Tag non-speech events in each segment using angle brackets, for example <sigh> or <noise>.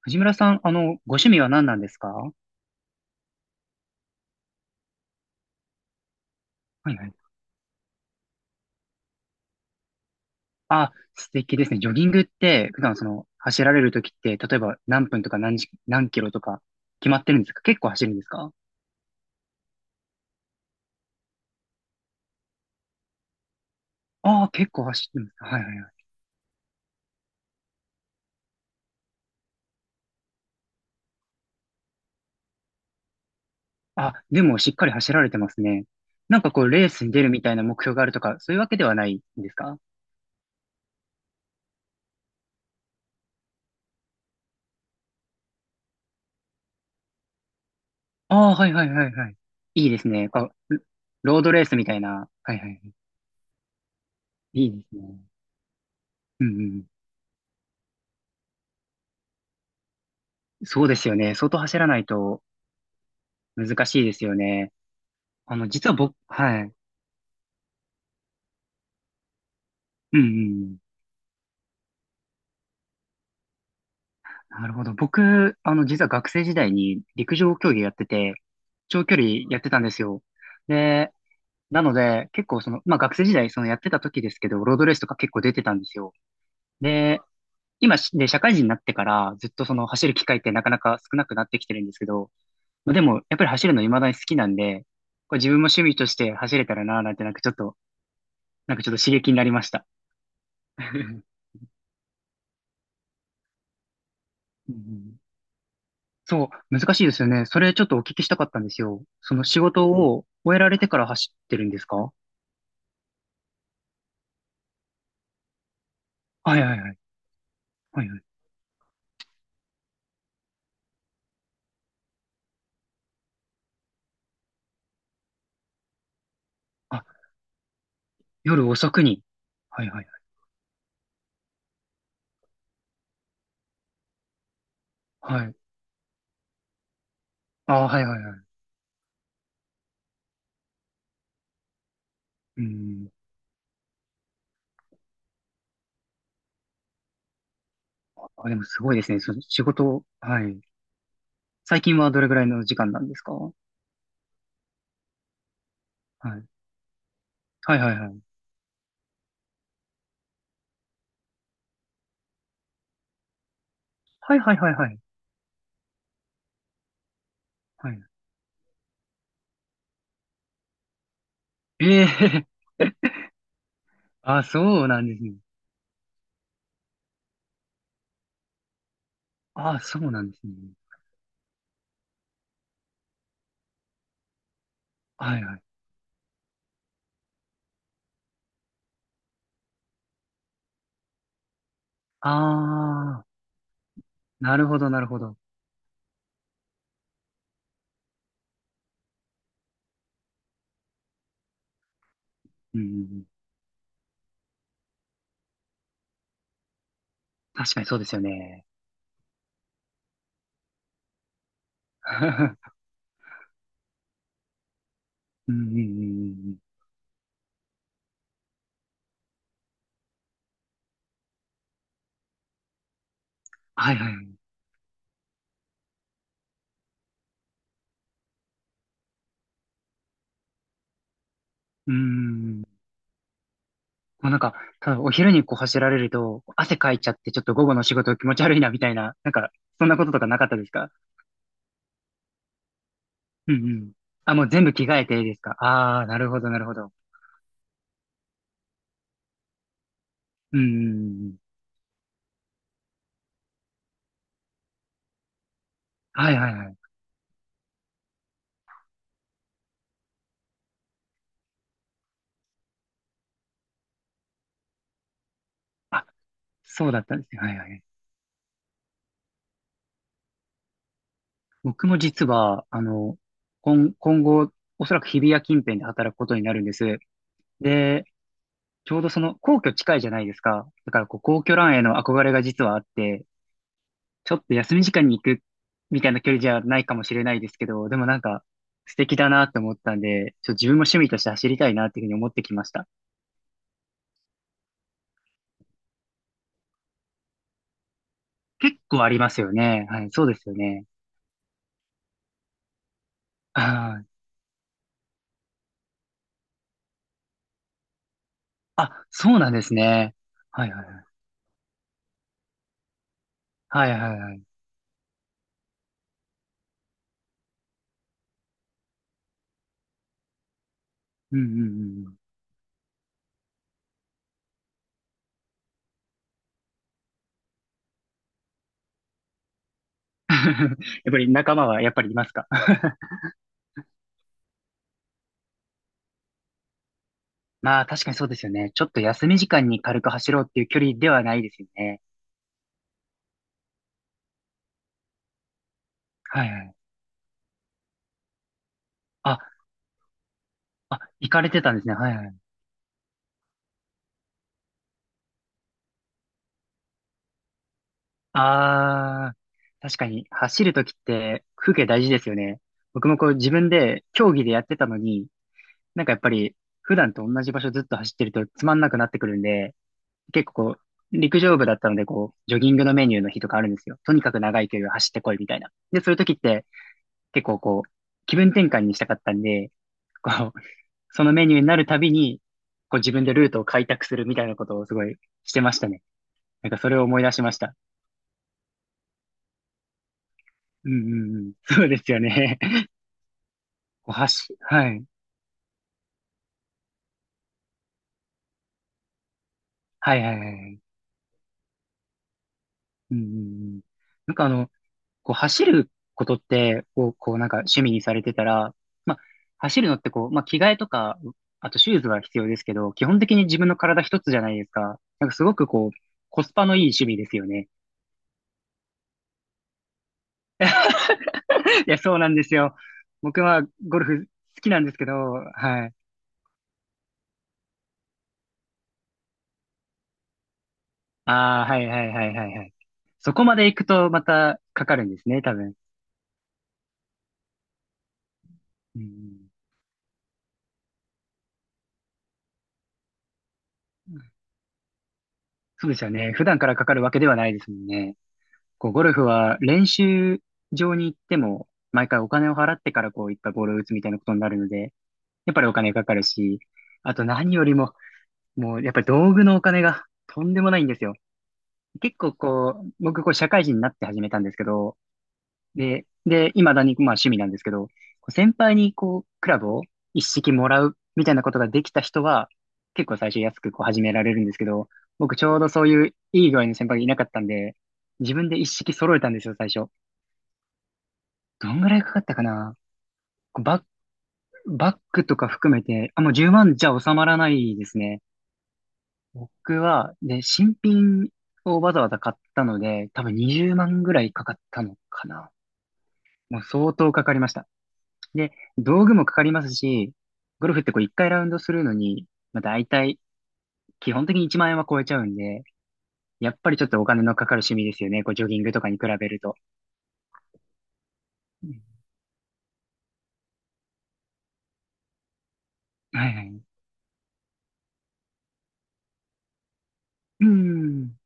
藤村さん、ご趣味は何なんですか？はいはい。あ、素敵ですね。ジョギングって、普段走られるときって、例えば何分とか何時、何キロとか、決まってるんですか？結構走るんですか？ああー、結構走ってます。はいはいはい。あ、でもしっかり走られてますね。なんかこう、レースに出るみたいな目標があるとか、そういうわけではないんですか？ああー、はいはいはいはい。いいですね。ロードレースみたいな。はいはい。いいですね。うんうん。そうですよね。相当走らないと難しいですよね。実は僕、はい。うんうん。なるほど。僕、実は学生時代に陸上競技やってて、長距離やってたんですよ。で、なので、結構まあ学生時代、やってた時ですけど、ロードレースとか結構出てたんですよ。で、今し、で、社会人になってから、ずっと走る機会ってなかなか少なくなってきてるんですけど、まあでも、やっぱり走るの未だに好きなんで、これ自分も趣味として走れたらなぁなんて、なんかちょっと刺激になりました。<laughs> うんうんそう、難しいですよね。それちょっとお聞きしたかったんですよ。その仕事を終えられてから走ってるんですか？はいはいはい。はいはい。あ、夜遅くに。はいはいはい。はい。あ、はいはいはい。うん。あ、でもすごいですね。その仕事、はい。最近はどれぐらいの時間なんですか？はい。はいはいはい。はいはいはいはい。はい。ええ <laughs> あ、そうなんですね。あ、そうなんですね。はいはい。ああ、なるほどなるほど。うんうんうん。確かにそうですよね。<laughs> うんうんうんうん。はいはい。うん。もうなんか、ただお昼にこう走られると、汗かいちゃってちょっと午後の仕事気持ち悪いなみたいな、なんか、そんなこととかなかったですか？うんうん。あ、もう全部着替えていいですか？ああー、なるほどなるほど。うんうんうん。はいはいはい。あ、そうだったんですね。はいはい。僕も実は、今後、おそらく日比谷近辺で働くことになるんです。で、ちょうどその皇居近いじゃないですか。だからこう皇居ランへの憧れが実はあって、ちょっと休み時間に行くみたいな距離じゃないかもしれないですけど、でもなんか素敵だなって思ったんで、ちょっと自分も趣味として走りたいなっていうふうに思ってきました。結構ありますよね。はい、そうですよね。あーあ、そうなんですね。はいはいはい。はいはいはい。うんうんうん。<laughs> やっぱり仲間はやっぱりいますか？ <laughs> まあ確かにそうですよね。ちょっと休み時間に軽く走ろうっていう距離ではないですよね。はいはい。あ、あ、行かれてたんですね。はいはい。ああ、確かに走るときって風景大事ですよね。僕もこう自分で競技でやってたのに、なんかやっぱり普段と同じ場所ずっと走ってるとつまんなくなってくるんで、結構こう陸上部だったのでこうジョギングのメニューの日とかあるんですよ。とにかく長い距離を走ってこいみたいな。で、そういうときって結構こう気分転換にしたかったんで、こう、そのメニューになるたびに、こう自分でルートを開拓するみたいなことをすごいしてましたね。なんかそれを思い出しました。うんうんうん。そうですよね。こう走、はい。はいはいはいはい。うんうんうん。なんかこう走ることってを、こうなんか趣味にされてたら、まあ、走るのってこう、まあ、着替えとか、あとシューズは必要ですけど、基本的に自分の体一つじゃないですか。なんかすごくこう、コスパのいい趣味ですよね。<laughs> いや、そうなんですよ。僕はゴルフ好きなんですけど、はい。ああ、はいはいはいはいはい。そこまで行くとまたかかるんですね、多分。うん、そうですよね。普段からかかるわけではないですもんね。こう、ゴルフは練習場に行っても、毎回お金を払ってからこういったボールを打つみたいなことになるので、やっぱりお金かかるし、あと何よりも、もうやっぱり道具のお金がとんでもないんですよ。結構こう、僕こう社会人になって始めたんですけど、で、未だにまあ趣味なんですけど、こう先輩にこう、クラブを一式もらうみたいなことができた人は、結構最初安くこう始められるんですけど、僕ちょうどそういういい具合の先輩がいなかったんで、自分で一式揃えたんですよ、最初。どんぐらいかかったかな。バッ、バッグとか含めて、あ、もう10万じゃ収まらないですね。僕は、で、新品をわざわざ買ったので、多分20万ぐらいかかったのかな。もう相当かかりました。で、道具もかかりますし、ゴルフってこう1回ラウンドするのに、まあ大体、基本的に1万円は超えちゃうんで、やっぱりちょっとお金のかかる趣味ですよね。こうジョギングとかに比べると。うんはいはい。うん。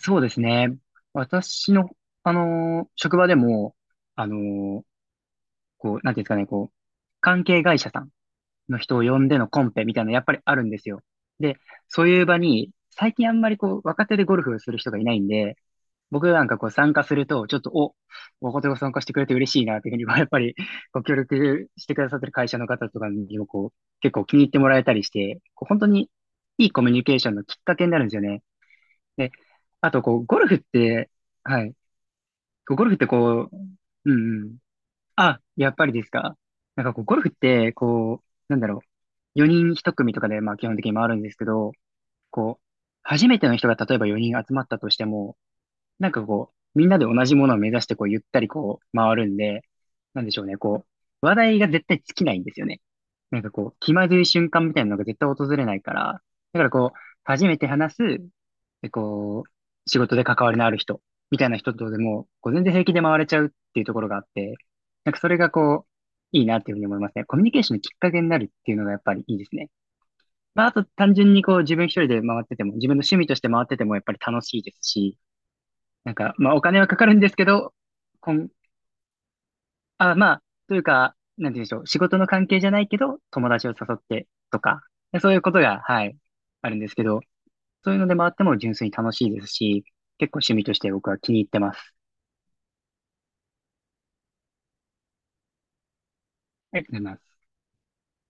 そうですね。私の、職場でも、あのーこう、なんていうんですかね、こう、関係会社さんの人を呼んでのコンペみたいなのやっぱりあるんですよ。で、そういう場に、最近あんまりこう、若手でゴルフをする人がいないんで、僕なんかこう参加すると、ちょっと、若手が参加してくれて嬉しいな、というふうに、<laughs> まあやっぱり、ご協力してくださってる会社の方とかにもこう、結構気に入ってもらえたりして、こう本当にいいコミュニケーションのきっかけになるんですよね。で、あと、こう、ゴルフって、はい。こうゴルフってこう、うんうん。あ、やっぱりですか？なんかこう、ゴルフって、こう、なんだろう。4人1組とかで、まあ基本的に回るんですけど、こう、初めての人が例えば4人集まったとしても、なんかこう、みんなで同じものを目指して、こう、ゆったりこう、回るんで、なんでしょうね、こう、話題が絶対尽きないんですよね。なんかこう、気まずい瞬間みたいなのが絶対訪れないから、だからこう、初めて話す、で、こう、仕事で関わりのある人、みたいな人とでも、こう、全然平気で回れちゃうっていうところがあって、なんかそれがこう、いいなっていうふうに思いますね。コミュニケーションのきっかけになるっていうのがやっぱりいいですね。まあ、あと単純にこう、自分一人で回ってても、自分の趣味として回っててもやっぱり楽しいですし、なんか、まあ、お金はかかるんですけど、こん、あ、まあ、というか、なんて言うんでしょう。仕事の関係じゃないけど、友達を誘ってとか、そういうことが、はい、あるんですけど、そういうのでもあっても純粋に楽しいですし、結構趣味として僕は気に入ってます。ありがとうございます。